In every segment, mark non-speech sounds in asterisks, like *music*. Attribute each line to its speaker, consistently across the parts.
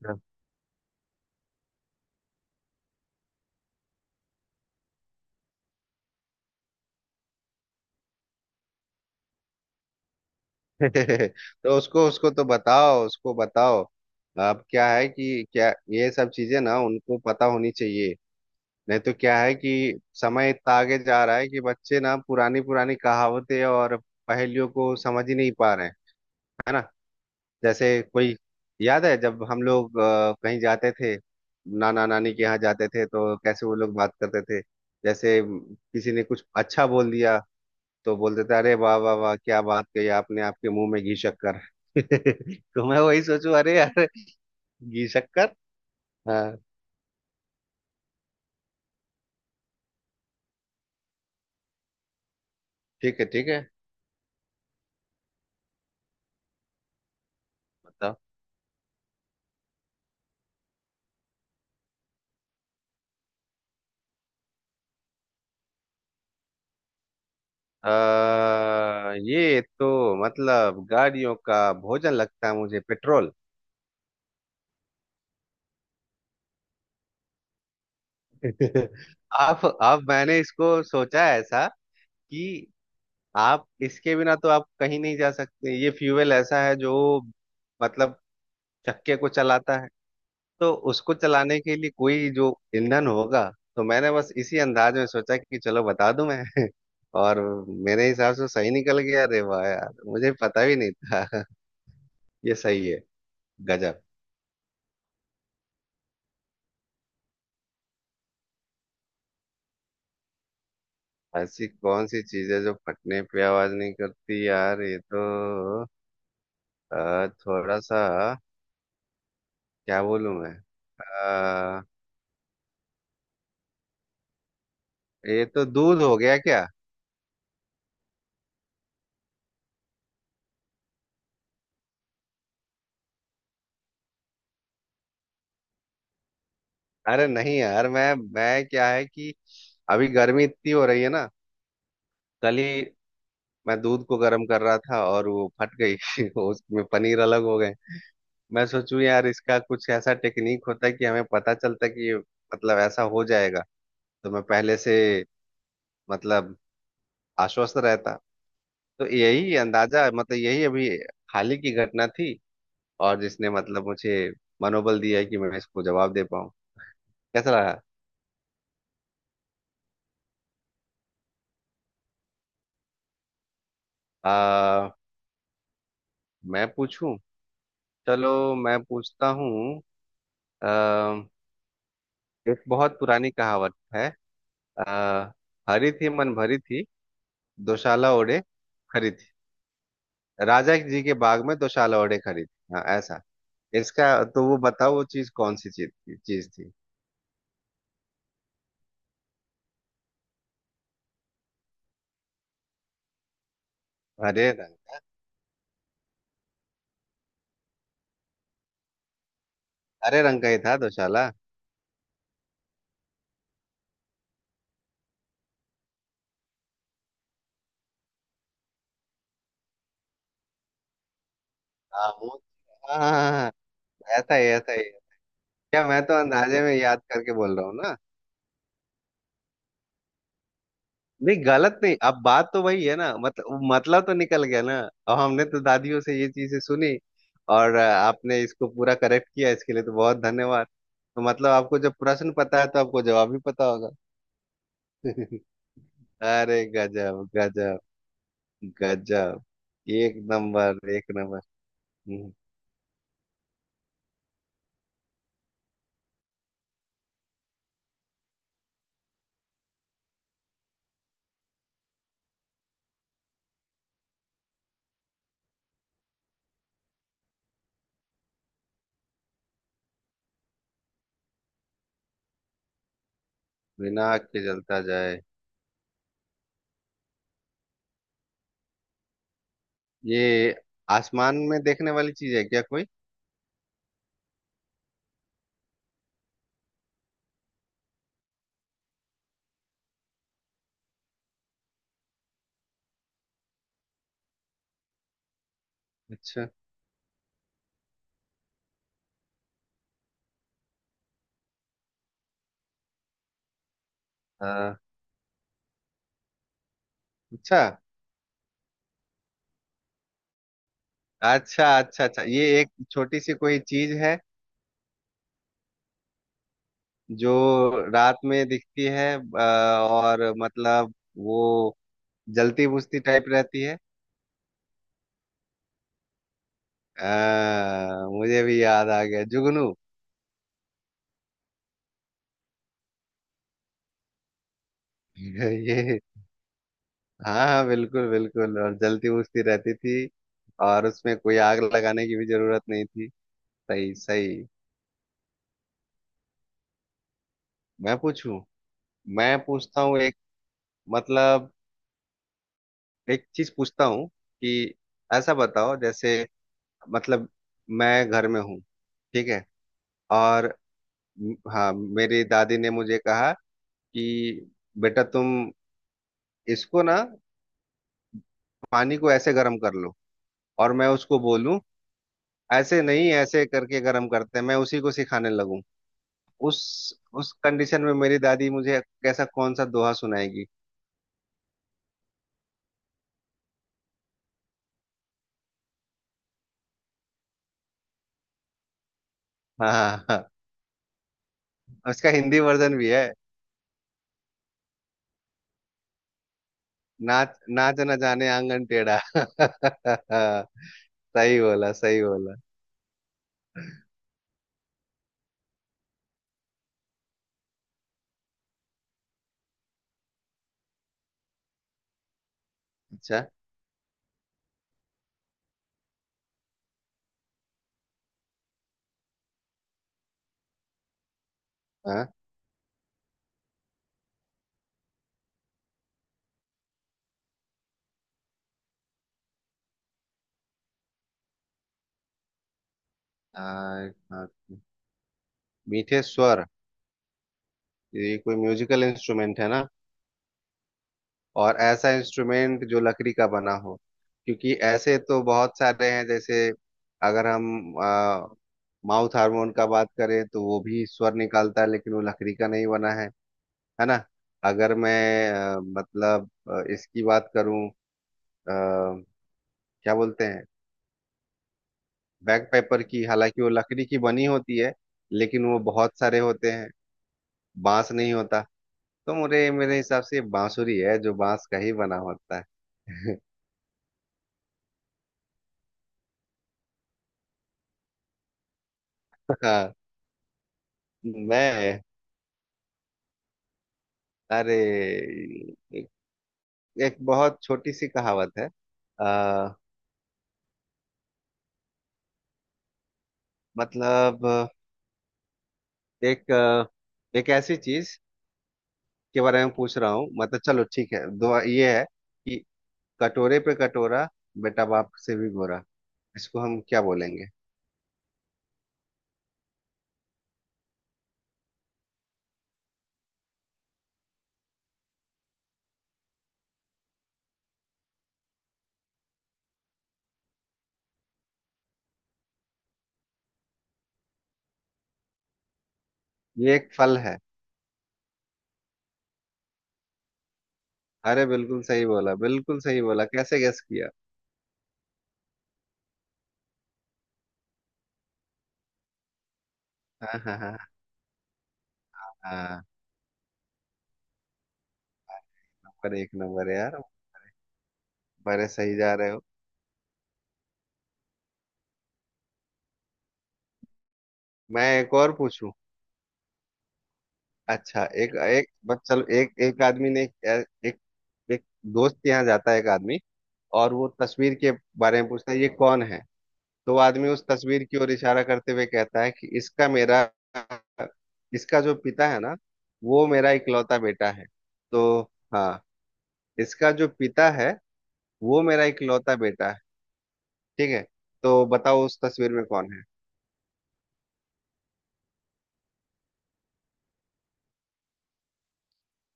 Speaker 1: *laughs* तो उसको उसको तो बताओ, उसको बताओ। अब क्या है कि क्या ये सब चीजें ना उनको पता होनी चाहिए। नहीं तो क्या है कि समय इतना आगे जा रहा है कि बच्चे ना पुरानी पुरानी कहावतें और पहेलियों को समझ ही नहीं पा रहे हैं, है ना। जैसे कोई, याद है जब हम लोग कहीं जाते थे, नाना नानी के यहाँ जाते थे, तो कैसे वो लोग बात करते थे। जैसे किसी ने कुछ अच्छा बोल दिया तो बोलते थे, अरे वाह वाह वाह, क्या बात कही आपने, आपके मुंह में घी शक्कर। *laughs* तो मैं वही सोचू अरे यार, घी शक्कर। हाँ, ठीक है ठीक है, बताओ। ये तो मतलब गाड़ियों का भोजन लगता है मुझे, पेट्रोल। *laughs* आप मैंने इसको सोचा है ऐसा कि आप इसके बिना तो आप कहीं नहीं जा सकते। ये फ्यूल ऐसा है जो मतलब चक्के को चलाता है। तो उसको चलाने के लिए कोई जो ईंधन होगा, तो मैंने बस इसी अंदाज में सोचा कि चलो बता दूं मैं। *laughs* और मेरे हिसाब से सही निकल गया। अरे वाह यार, मुझे पता भी नहीं था। *laughs* ये सही है। गजब। ऐसी कौन सी चीज है जो फटने पे आवाज नहीं करती, यार ये तो थोड़ा सा क्या बोलूं मैं। अ, ये तो दूध हो गया क्या। अरे नहीं यार, मैं क्या है कि अभी गर्मी इतनी हो रही है ना, कल ही मैं दूध को गर्म कर रहा था और वो फट गई। *laughs* उसमें पनीर अलग हो गए। मैं सोचूं यार, इसका कुछ ऐसा टेक्निक होता कि हमें पता चलता कि ये मतलब ऐसा हो जाएगा, तो मैं पहले से मतलब आश्वस्त रहता। तो यही अंदाजा, मतलब यही अभी हाल ही की घटना थी, और जिसने मतलब मुझे मनोबल दिया कि मैं इसको जवाब दे पाऊँ। कैसा रहा। आ, मैं पूछूं, चलो मैं पूछता हूँ। अ, एक बहुत पुरानी कहावत है। आ, हरी थी मन भरी थी, दोशाला ओढ़े खरी थी। राजा जी के बाग में दोशाला ओढ़े खरी थी। हाँ ऐसा, इसका, तो वो बताओ वो चीज कौन सी चीज थी, चीज थी। हरे रंग, हरे रंग का ही था दोशाला। तो, हाँ हाँ, हाँ, हाँ, ऐसा ही क्या, मैं तो अंदाजे में याद करके बोल रहा हूँ ना। नहीं गलत नहीं, अब बात तो वही है ना, मतलब, मतलब तो निकल गया ना। अब हमने तो दादियों से ये चीजें सुनी, और आपने इसको पूरा करेक्ट किया, इसके लिए तो बहुत धन्यवाद। तो मतलब आपको जब प्रश्न पता है तो आपको जवाब भी पता होगा। *laughs* अरे गजब गजब गजब। एक नंबर एक नंबर। हम्म, बिना आग के जलता जाए, ये आसमान में देखने वाली चीज है क्या कोई। अच्छा, हाँ, अच्छा अच्छा अच्छा अच्छा, ये एक छोटी सी कोई चीज है जो रात में दिखती है, और मतलब वो जलती बुझती टाइप रहती है। मुझे भी याद आ गया, जुगनू। *laughs* ये हाँ हाँ, बिल्कुल बिल्कुल, और जलती बुझती रहती थी, और उसमें कोई आग लगाने की भी जरूरत नहीं थी। सही सही। मैं पूछूं, मैं पूछता हूँ एक, मतलब एक चीज पूछता हूँ कि ऐसा बताओ जैसे, मतलब मैं घर में हूँ, ठीक है, और हाँ मेरी दादी ने मुझे कहा कि बेटा तुम इसको ना, पानी को ऐसे गर्म कर लो। और मैं उसको बोलूं ऐसे नहीं, ऐसे करके गर्म करते हैं, मैं उसी को सिखाने लगूं। उस उस कंडीशन में मेरी दादी मुझे कैसा कौन सा दोहा सुनाएगी। हाँ हाँ हाँ। उसका हिंदी वर्जन भी है, नाच नाच न जाने आंगन टेढ़ा। *laughs* सही बोला सही बोला। अच्छा, हाँ, आ, हाँ, मीठे स्वर, ये कोई म्यूजिकल इंस्ट्रूमेंट है ना। और ऐसा इंस्ट्रूमेंट जो लकड़ी का बना हो, क्योंकि ऐसे तो बहुत सारे हैं, जैसे अगर हम माउथ हार्मोन का बात करें तो वो भी स्वर निकालता है, लेकिन वो लकड़ी का नहीं बना है ना। अगर मैं इसकी बात करूं, अ, क्या बोलते हैं, बैग पेपर की, हालांकि वो लकड़ी की बनी होती है, लेकिन वो बहुत सारे होते हैं, बांस नहीं होता। तो मेरे मेरे हिसाब से ये बांसुरी है, जो बांस का ही बना होता है। *laughs* हाँ। मैं, अरे, एक, एक बहुत छोटी सी कहावत है, आ, मतलब एक, एक ऐसी चीज के बारे में पूछ रहा हूँ, मतलब चलो ठीक है दो, ये है कि कटोरे पे कटोरा, बेटा बाप से भी गोरा, इसको हम क्या बोलेंगे। ये एक फल है। अरे बिल्कुल सही बोला बिल्कुल सही बोला, कैसे गेस किया। हाँ हाँ हाँ हाँ, नंबर एक नंबर है यार। बड़े सही जा रहे हो। मैं एक और पूछूं। अच्छा, एक एक बस, चलो, एक, एक आदमी ने एक, एक, एक दोस्त के यहाँ जाता है एक आदमी, और वो तस्वीर के बारे में पूछता है, ये कौन है। तो आदमी उस तस्वीर की ओर इशारा करते हुए कहता है कि इसका मेरा, इसका जो पिता है ना, वो मेरा इकलौता बेटा है। तो, हाँ, इसका जो पिता है वो मेरा इकलौता बेटा है, ठीक है। तो बताओ उस तस्वीर में कौन है।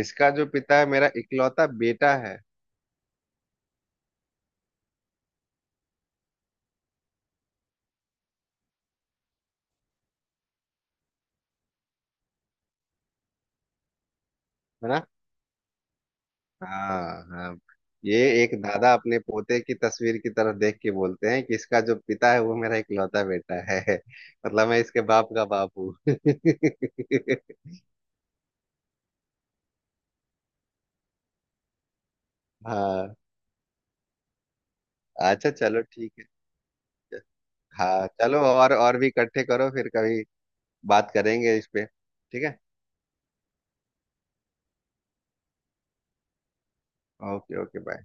Speaker 1: इसका जो पिता है मेरा इकलौता बेटा है ना। हाँ हाँ। ये एक दादा अपने पोते की तस्वीर की तरफ देख के बोलते हैं कि इसका जो पिता है वो मेरा इकलौता बेटा है। *laughs* मतलब मैं इसके बाप का बाप हूँ। *laughs* हाँ, अच्छा चलो ठीक है। हाँ चलो, और भी इकट्ठे करो, फिर कभी बात करेंगे इस पे, ठीक है। Okay okay bye.